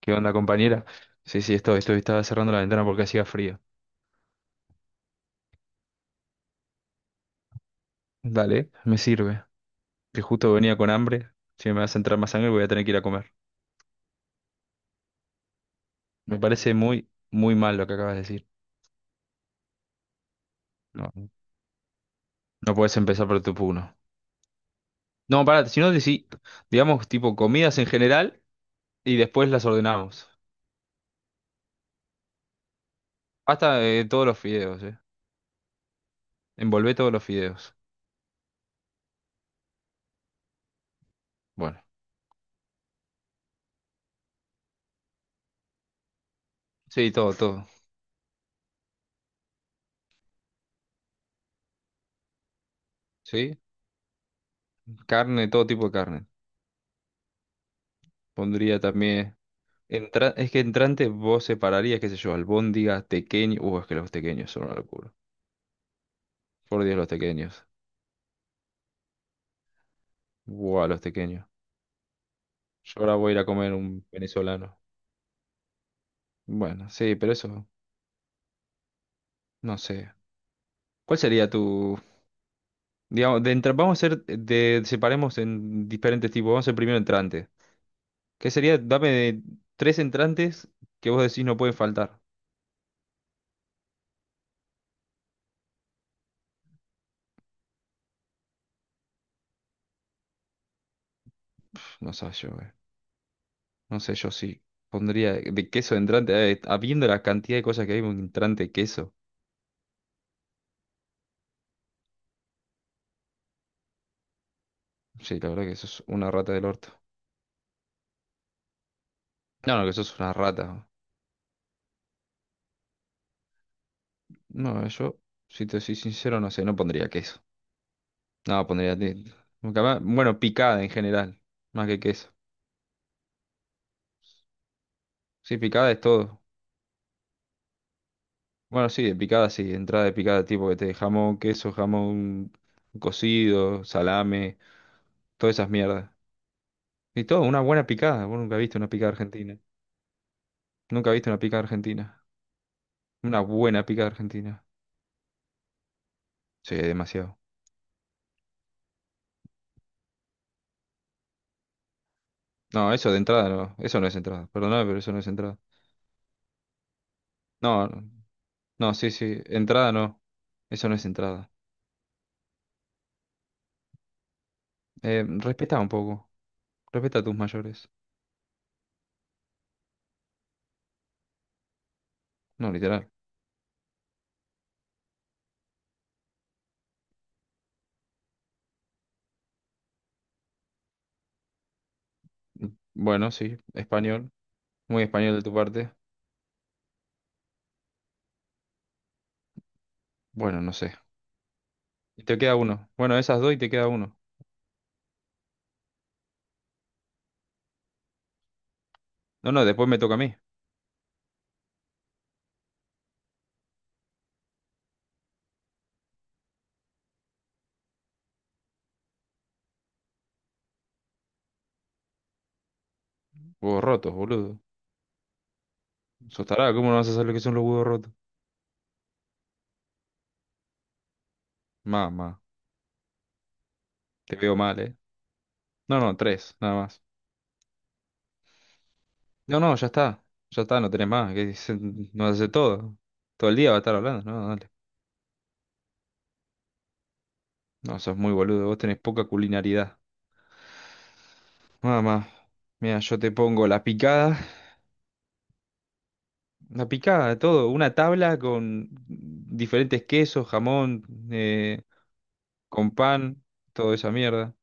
¿Qué onda, compañera? Sí, sí, estaba cerrando la ventana porque hacía frío. Dale, me sirve. Que justo venía con hambre. Si me vas a entrar más hambre voy a tener que ir a comer. Me parece muy, muy mal lo que acabas de decir. No, no puedes empezar por tu puno. No, pará, si no, decí, digamos, tipo comidas en general y después las ordenamos. Hasta todos los fideos, ¿eh? Envolvé todos los fideos. Bueno, sí, todo, todo. ¿Sí? Carne, todo tipo de carne. Pondría también. Es que entrante vos separarías, qué sé yo, albóndigas, tequeños. Es que los tequeños son una locura. Por Dios, los tequeños. Buah, los tequeños. Yo ahora voy a ir a comer un venezolano. Bueno, sí, pero eso, no sé. ¿Cuál sería tu, digamos, de vamos a hacer, de, separemos en diferentes tipos. Vamos a hacer primero entrante. ¿Qué sería? Dame de tres entrantes que vos decís no pueden faltar. No sé yo, eh. No sé, yo sí. Pondría de queso de entrante, habiendo la cantidad de cosas que hay, un entrante de queso. Sí, la verdad que sos una rata del orto. No, no, que sos una rata. No, yo, si te soy sincero, no sé, no pondría queso. No, pondría... Bueno, picada en general, más que queso. Sí, picada es todo. Bueno, sí, de picada sí, entrada de picada, tipo que te jamón, queso, jamón cocido, salame, todas esas mierdas. Y todo, una buena picada. Vos nunca viste una picada argentina. Nunca viste una picada argentina. Una buena picada argentina. Sí, demasiado. No, eso de entrada no, eso no es entrada. Perdóname, pero eso no es entrada. No, no. No, sí, sí. Entrada no. Eso no es entrada. Respeta un poco. Respeta a tus mayores. No, literal. Bueno, sí. Español. Muy español de tu parte. Bueno, no sé. Y te queda uno. Bueno, esas dos y te queda uno. No, no, después me toca a mí. Huevos rotos, boludo. Sos tarado, ¿cómo no vas a saber lo que son los huevos rotos? Mamá, te veo mal, ¿eh? No, no, tres, nada más. No, no, ya está. Ya está, no tenés más. No hace todo. Todo el día va a estar hablando. No, dale. No, sos muy boludo. Vos tenés poca culinaridad. Mamá, mira, yo te pongo la picada de todo, una tabla con diferentes quesos, jamón, eh, con pan, toda esa mierda.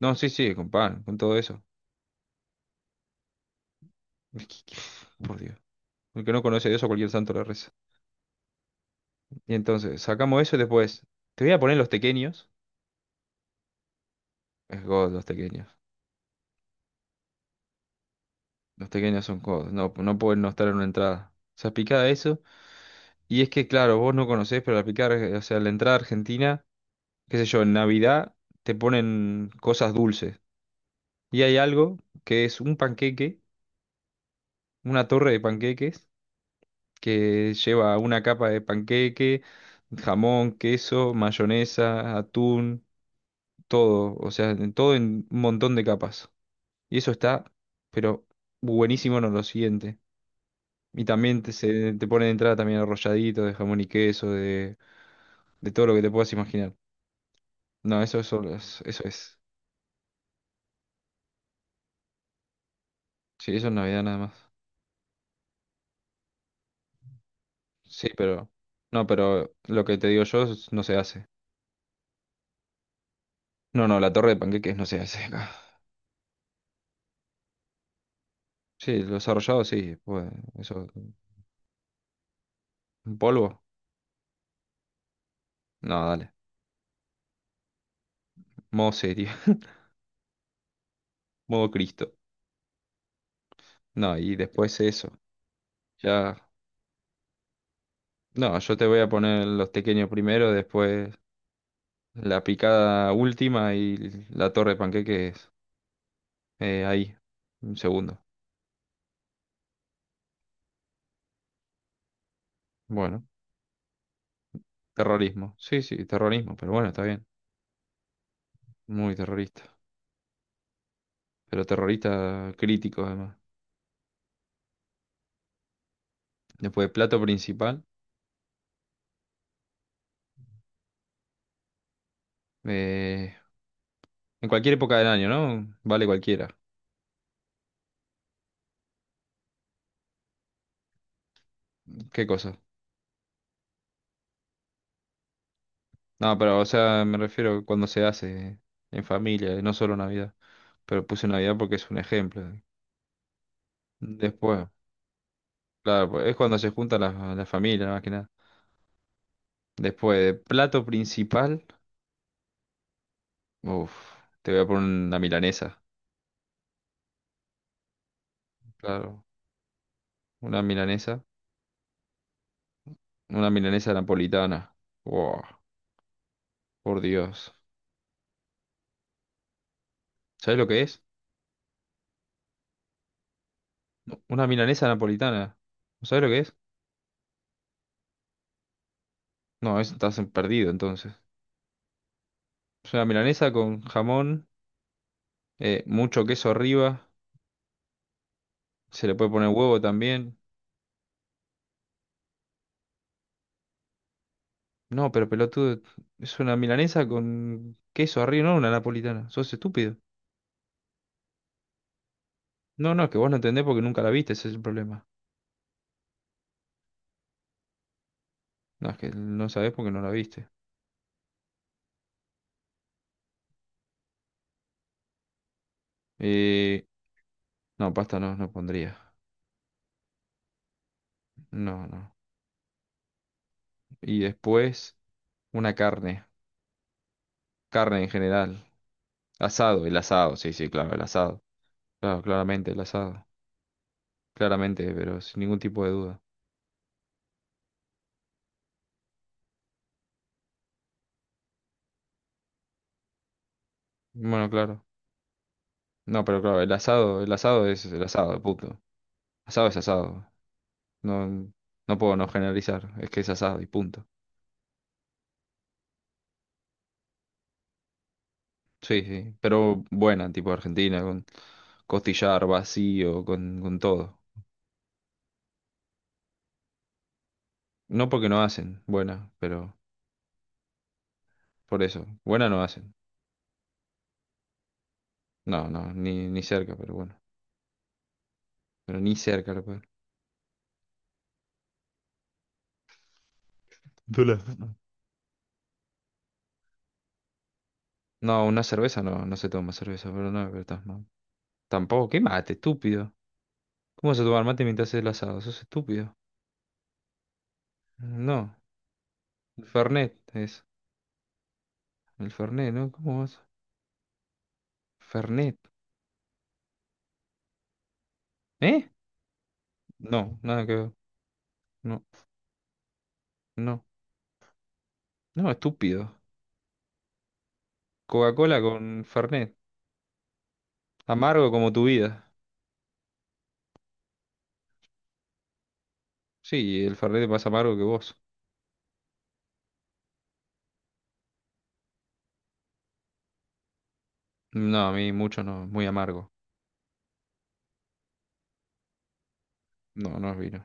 No, sí, sí, con pan, con todo eso. Por Dios. El que no conoce a Dios a cualquier santo le reza. Y entonces, sacamos eso y después, te voy a poner los tequeños. Es God, los tequeños. Los tequeños son God, no, no pueden no estar en una entrada. O sea, picada eso. Y es que, claro, vos no conocés, pero la picada, o sea, la entrada argentina. Qué sé yo, en Navidad te ponen cosas dulces. Y hay algo que es un panqueque, una torre de panqueques, que lleva una capa de panqueque, jamón, queso, mayonesa, atún, todo. O sea, todo en un montón de capas. Y eso está, pero buenísimo en lo siguiente. Y también te ponen de entrada también arrolladito de jamón y queso, de todo lo que te puedas imaginar. No, eso, eso es. Sí, eso es Navidad nada más. Sí, pero... No, pero lo que te digo yo no se hace. No, no, la torre de panqueques no se hace acá. Sí, los arrollados sí, pues eso. ¿Un polvo? No, dale. Modo serio, modo Cristo. No, y después eso. Ya... No, yo te voy a poner los pequeños primero, después la picada última y la torre de panqueques ahí. Un segundo. Bueno, terrorismo. Sí, sí, terrorismo, pero bueno, está bien. Muy terrorista. Pero terrorista crítico además. Después, plato principal. Eh, en cualquier época del año, ¿no? Vale cualquiera. ¿Qué cosa? No, pero, o sea, me refiero cuando se hace en familia, no solo Navidad. Pero puse Navidad porque es un ejemplo. Después, claro, pues, es cuando se juntan las la familias, más que nada. Después, de plato principal, uff, te voy a poner una milanesa. Claro, una milanesa. Una milanesa napolitana. Wow, por Dios. ¿Sabes lo que es? No, una milanesa napolitana. ¿No sabes lo que es? No, eso estás perdido entonces. Es una milanesa con jamón, mucho queso arriba, se le puede poner huevo también. No, pero pelotudo, es una milanesa con queso arriba, no una napolitana. Sos estúpido. No, no, es que vos no entendés porque nunca la viste, ese es el problema. No, es que no sabés porque no la viste. Eh, no, pasta no, no pondría. No, no. Y después, una carne. Carne en general. Asado, el asado, sí, sí, claro, el asado. Claro, claramente el asado. Claramente, pero sin ningún tipo de duda. Bueno, claro. No, pero claro, el asado es el asado, punto. Asado es asado. No, no puedo no generalizar, es que es asado y punto. Sí, sí, pero buena, tipo Argentina, con costillar vacío, con todo. No porque no hacen, buena, pero por eso, buena no hacen. No, no, ni, ni cerca, pero bueno. Pero ni cerca lo peor. Dula. No, una cerveza no, no se toma cerveza, pero no, pero estás mal. Tampoco, qué mate, estúpido. ¿Cómo vas a tomar mate mientras haces el asado? Sos estúpido. No, Fernet es. El Fernet, ¿no? ¿Cómo vas? Fernet. ¿Eh? No, nada que ver. No, no. No, estúpido. Coca-Cola con Fernet. Amargo como tu vida. Sí, el Fernet es más amargo que vos. No, a mí mucho no, muy amargo. No, no es vino.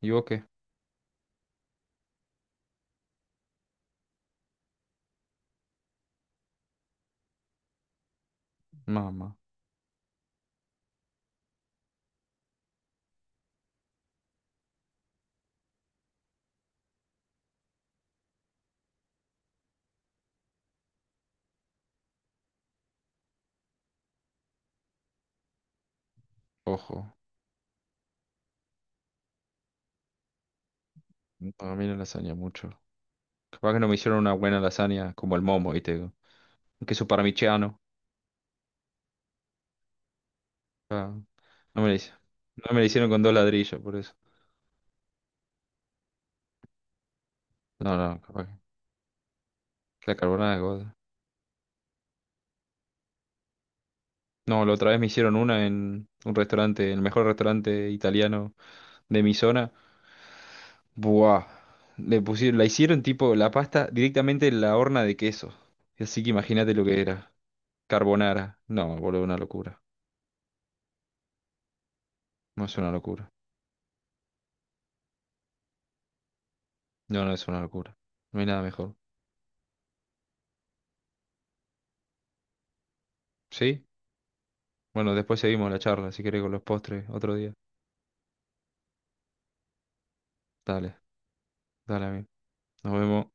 ¿Y vos qué? Mamá, ojo. No, a mí la lasaña mucho. Capaz que no me hicieron una buena lasaña como el momo, ¿viste? Un queso parmigiano. Ah, no me la hice- no me la hicieron con dos ladrillos, por eso. No, no, capaz que la carbonara, no, la otra vez me hicieron una en un restaurante, el mejor restaurante italiano de mi zona. Buah. Le pusieron, la hicieron tipo la pasta directamente en la horna de queso. Así que imagínate lo que era. Carbonara. No, boludo, una locura. No es una locura. No, no es una locura. No hay nada mejor. ¿Sí? Bueno, después seguimos la charla, si querés, con los postres, otro día. Dale, dale a mí. Nos vemos.